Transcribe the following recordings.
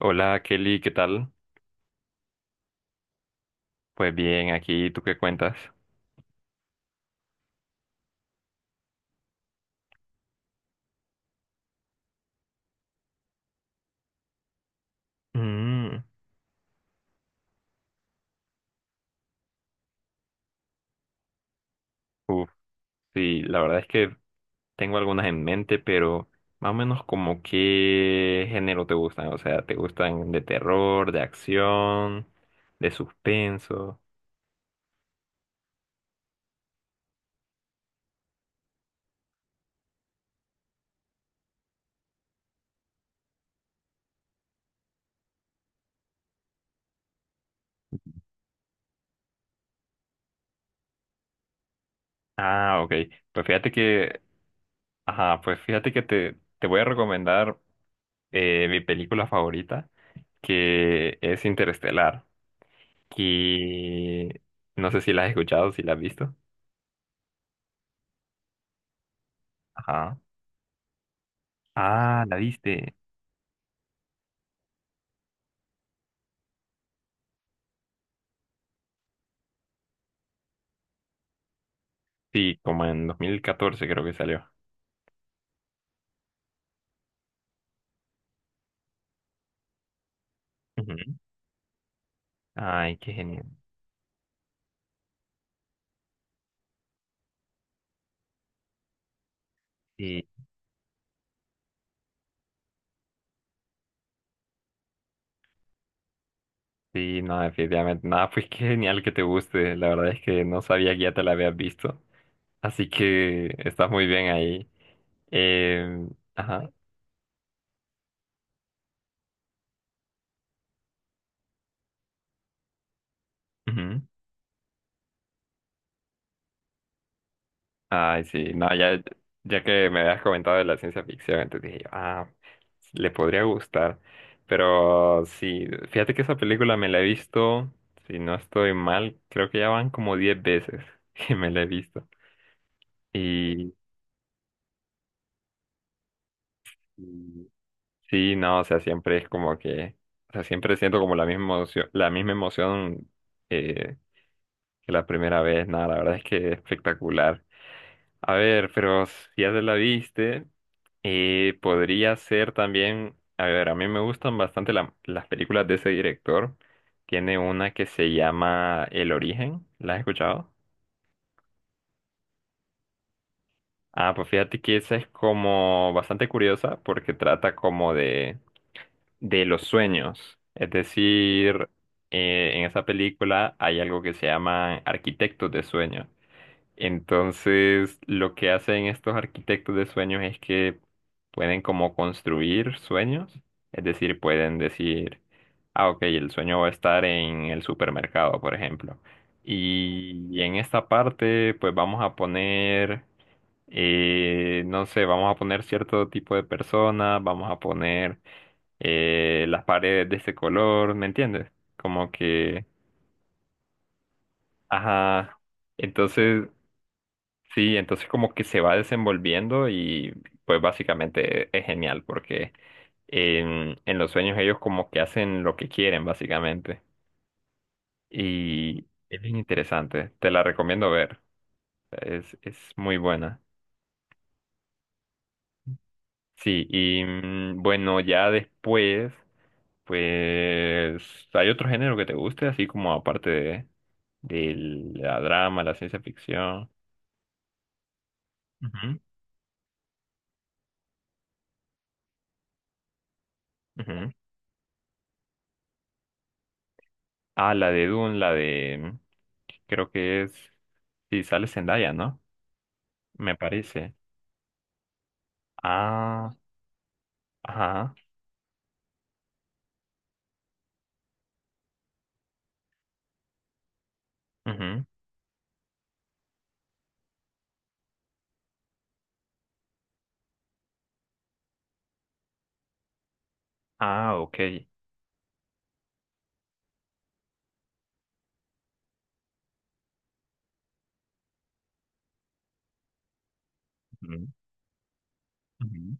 Hola Kelly, ¿qué tal? Pues bien, aquí, ¿tú qué cuentas? Mm, uf, sí, la verdad es que tengo algunas en mente, pero más o menos como qué género te gustan, o sea, ¿te gustan de terror, de acción, de suspenso? Ah, ok, pues fíjate que, ajá, pues fíjate que te voy a recomendar mi película favorita, que es Interestelar, y no sé si la has escuchado, si la has visto. Ajá. Ah, la viste. Sí, como en 2014 creo que salió. Ujú. Ay, qué genial. Sí, sí, no, definitivamente. Nada, pues qué genial que te guste. La verdad es que no sabía que ya te la habías visto. Así que estás muy bien ahí. Eh, ajá. Ujú. Ay, sí, no, ya, ya que me habías comentado de la ciencia ficción, entonces dije, ah, le podría gustar. Pero sí, fíjate que esa película me la he visto, si no estoy mal, creo que ya van como 10 veces que me la he visto. Y, y sí, no, o sea, siempre es como que, o sea, siempre siento como la misma emoción eh, que la primera vez. Nada, la verdad es que es espectacular. A ver, pero si ya se la viste, podría ser también, a ver, a mí me gustan bastante las películas de ese director. Tiene una que se llama El Origen, ¿la has escuchado? Ah, pues fíjate que esa es como bastante curiosa porque trata como de los sueños. Es decir, en esa película hay algo que se llama arquitectos de sueños. Entonces, lo que hacen estos arquitectos de sueños es que pueden como construir sueños, es decir, pueden decir, ah, ok, el sueño va a estar en el supermercado, por ejemplo. Y en esta parte, pues vamos a poner, no sé, vamos a poner cierto tipo de personas, vamos a poner las paredes de ese color, ¿me entiendes? Como que, ajá. Entonces, sí, entonces como que se va desenvolviendo y pues básicamente es genial porque en los sueños ellos como que hacen lo que quieren básicamente y es bien interesante, te la recomiendo ver, es muy buena. Sí, y bueno, ya después pues hay otro género que te guste, así como aparte de la drama, la ciencia ficción. Ujú, ujú. Ah, la de Dune, la de creo que es. Sí, sale Zendaya, ¿no? Me parece. Ah, ajá. Ujú. Ah, ok. Ujú, ujú.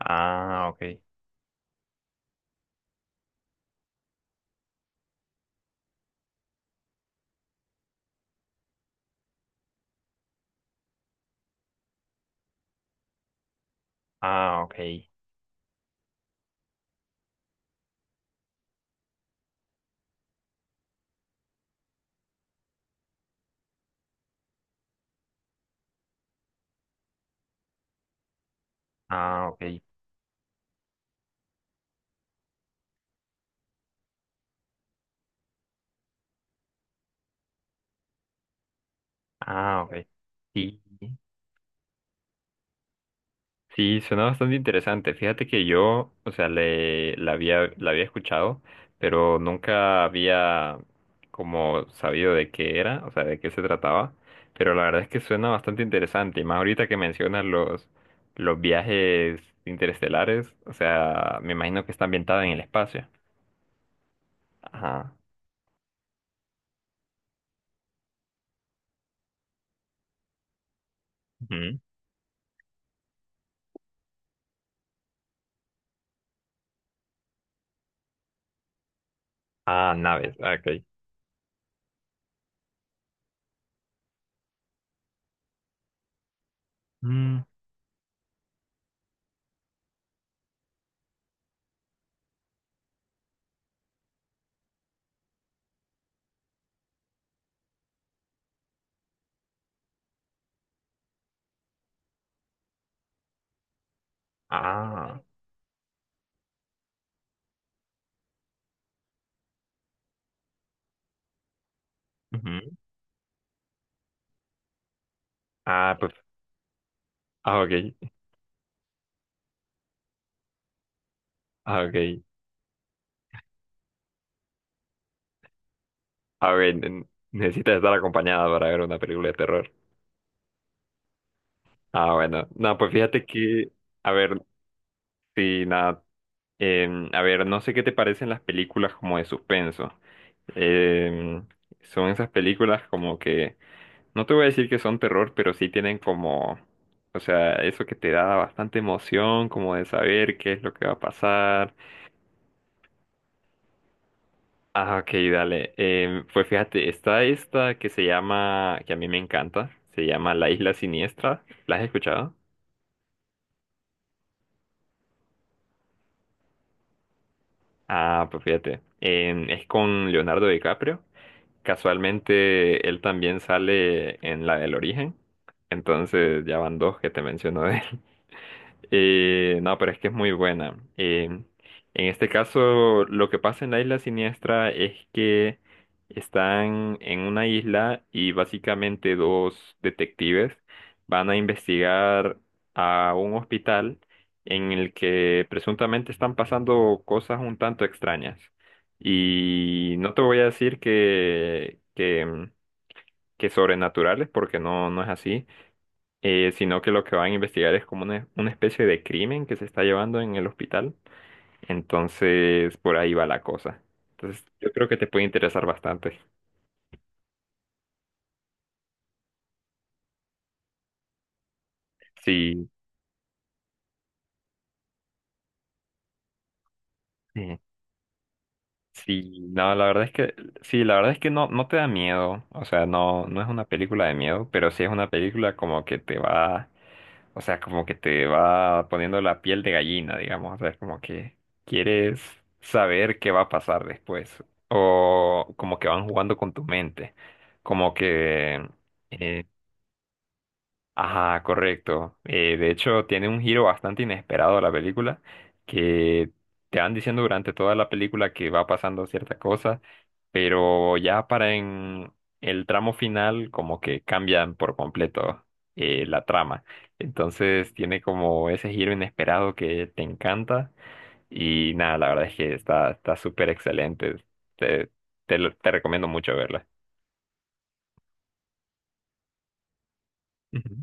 Ah, ok. Ah, ok. Ah, ok. Ah, ok. Sí. Sí, suena bastante interesante. Fíjate que yo, o sea, la había escuchado, pero nunca había como sabido de qué era, o sea, de qué se trataba. Pero la verdad es que suena bastante interesante. Y más ahorita que mencionas los viajes interestelares, o sea, me imagino que está ambientada en el espacio. Ajá. Ujú. Ah, naves, ah, ok. Mm, ah, ujú. Ah, pues, ah, ok, ah, ok. A ver, necesitas estar acompañada para ver una película de terror. Ah, bueno. No, pues fíjate que, a ver, sí, nada. A ver, no sé qué te parecen las películas como de suspenso. Em, son esas películas como que, no te voy a decir que son terror, pero sí tienen como, o sea, eso que te da bastante emoción, como de saber qué es lo que va a pasar. Ah, ok, dale. Pues fíjate, está esta que se llama, que a mí me encanta, se llama La Isla Siniestra. ¿La has escuchado? Ah, pues fíjate, es con Leonardo DiCaprio. Casualmente él también sale en la del origen, entonces ya van dos que te menciono de él. No, pero es que es muy buena. En este caso, lo que pasa en la isla siniestra es que están en una isla y básicamente dos detectives van a investigar a un hospital en el que presuntamente están pasando cosas un tanto extrañas. Y no te voy a decir que sobrenaturales, porque no, no es así sino que lo que van a investigar es como una, especie de crimen que se está llevando en el hospital. Entonces, por ahí va la cosa. Entonces, yo creo que te puede interesar bastante. Sí, sí, sí, no, la verdad es que, sí, la verdad es que no, no te da miedo, o sea, no, no es una película de miedo, pero sí es una película como que te va. O sea, como que te va poniendo la piel de gallina, digamos. O sea, es como que quieres saber qué va a pasar después. O como que van jugando con tu mente. Como que eh, ajá, correcto. De hecho, tiene un giro bastante inesperado la película, que te van diciendo durante toda la película que va pasando cierta cosa, pero ya para en el tramo final como que cambian por completo la trama. Entonces tiene como ese giro inesperado que te encanta y nada, la verdad es que está súper excelente. Te, te recomiendo mucho verla. Ujú.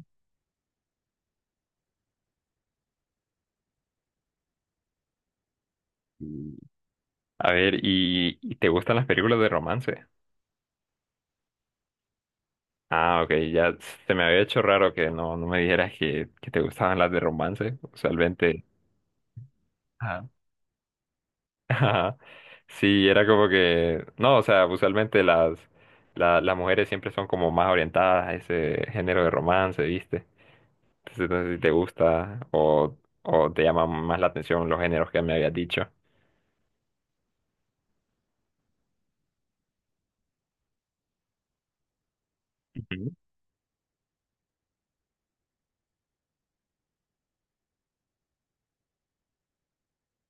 Y- A ver, ¿y te gustan las películas de romance? Ah, ok, ya se me había hecho raro que no, no me dijeras que te gustaban las de romance. Usualmente, ajá. Ajá, sí, era como que, no, o sea, usualmente las mujeres siempre son como más orientadas a ese género de romance, ¿viste? Entonces, no sé si te gusta o te llaman más la atención los géneros que me habías dicho. Ujú,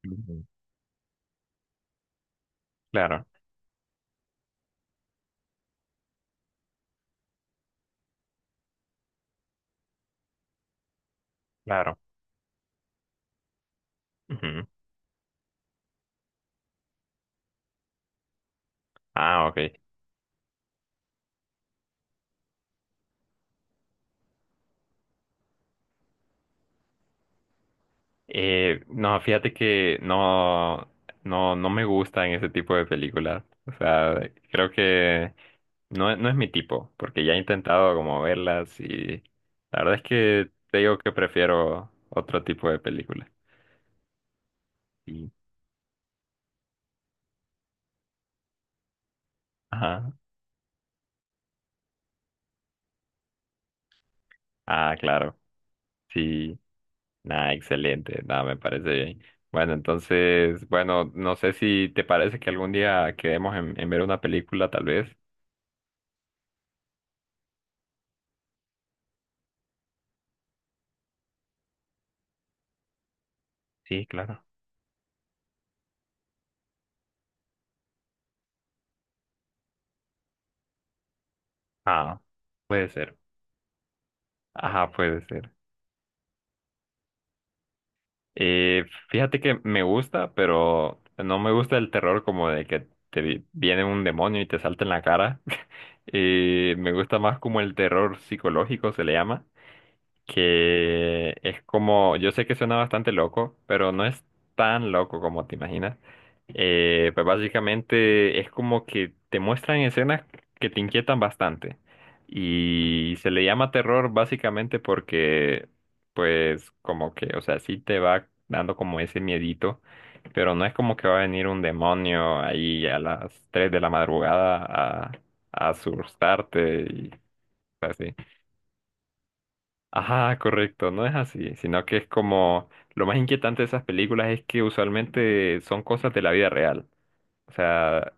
ujú. Claro, claro. Ujú. Ah, ok. No, fíjate que no, no, no me gustan ese tipo de películas. O sea, creo que no, no es mi tipo, porque ya he intentado como verlas y la verdad es que te digo que prefiero otro tipo de películas. Sí. Ajá. Ah, claro. Sí. Nada, excelente. Nada, me parece bien. Bueno, entonces, bueno, no sé si te parece que algún día quedemos en ver una película, tal vez. Sí, claro. Ah, puede ser. Ajá, puede ser. Y fíjate que me gusta, pero no me gusta el terror como de que te viene un demonio y te salta en la cara. Y me gusta más como el terror psicológico se le llama, que es como, yo sé que suena bastante loco, pero no es tan loco como te imaginas. Pues básicamente es como que te muestran escenas que te inquietan bastante. Y se le llama terror básicamente porque, pues, como que, o sea, sí te va dando como ese miedito, pero no es como que va a venir un demonio ahí a las 3 de la madrugada a, a asustarte y así. Ajá, correcto, no es así, sino que es como lo más inquietante de esas películas es que usualmente son cosas de la vida real, o sea,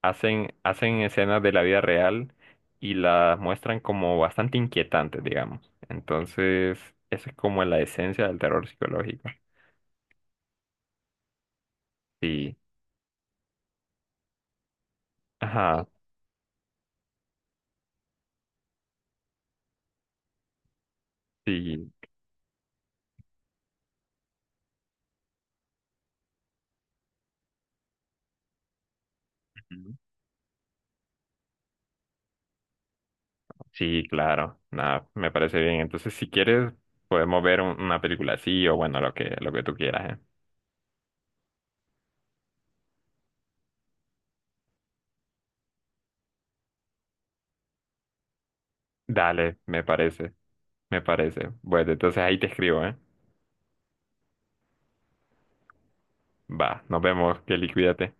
hacen, hacen escenas de la vida real y las muestran como bastante inquietantes, digamos. Entonces, eso es como la esencia del terror psicológico. Sí, ajá, sí, ujú. Sí, claro, nada, me parece bien. Entonces, si quieres, podemos ver una película así o bueno, lo que tú quieras, ¿eh? Dale, me parece. Me parece. Bueno, entonces ahí te escribo, ¿eh? Va, nos vemos, Kelly, cuídate.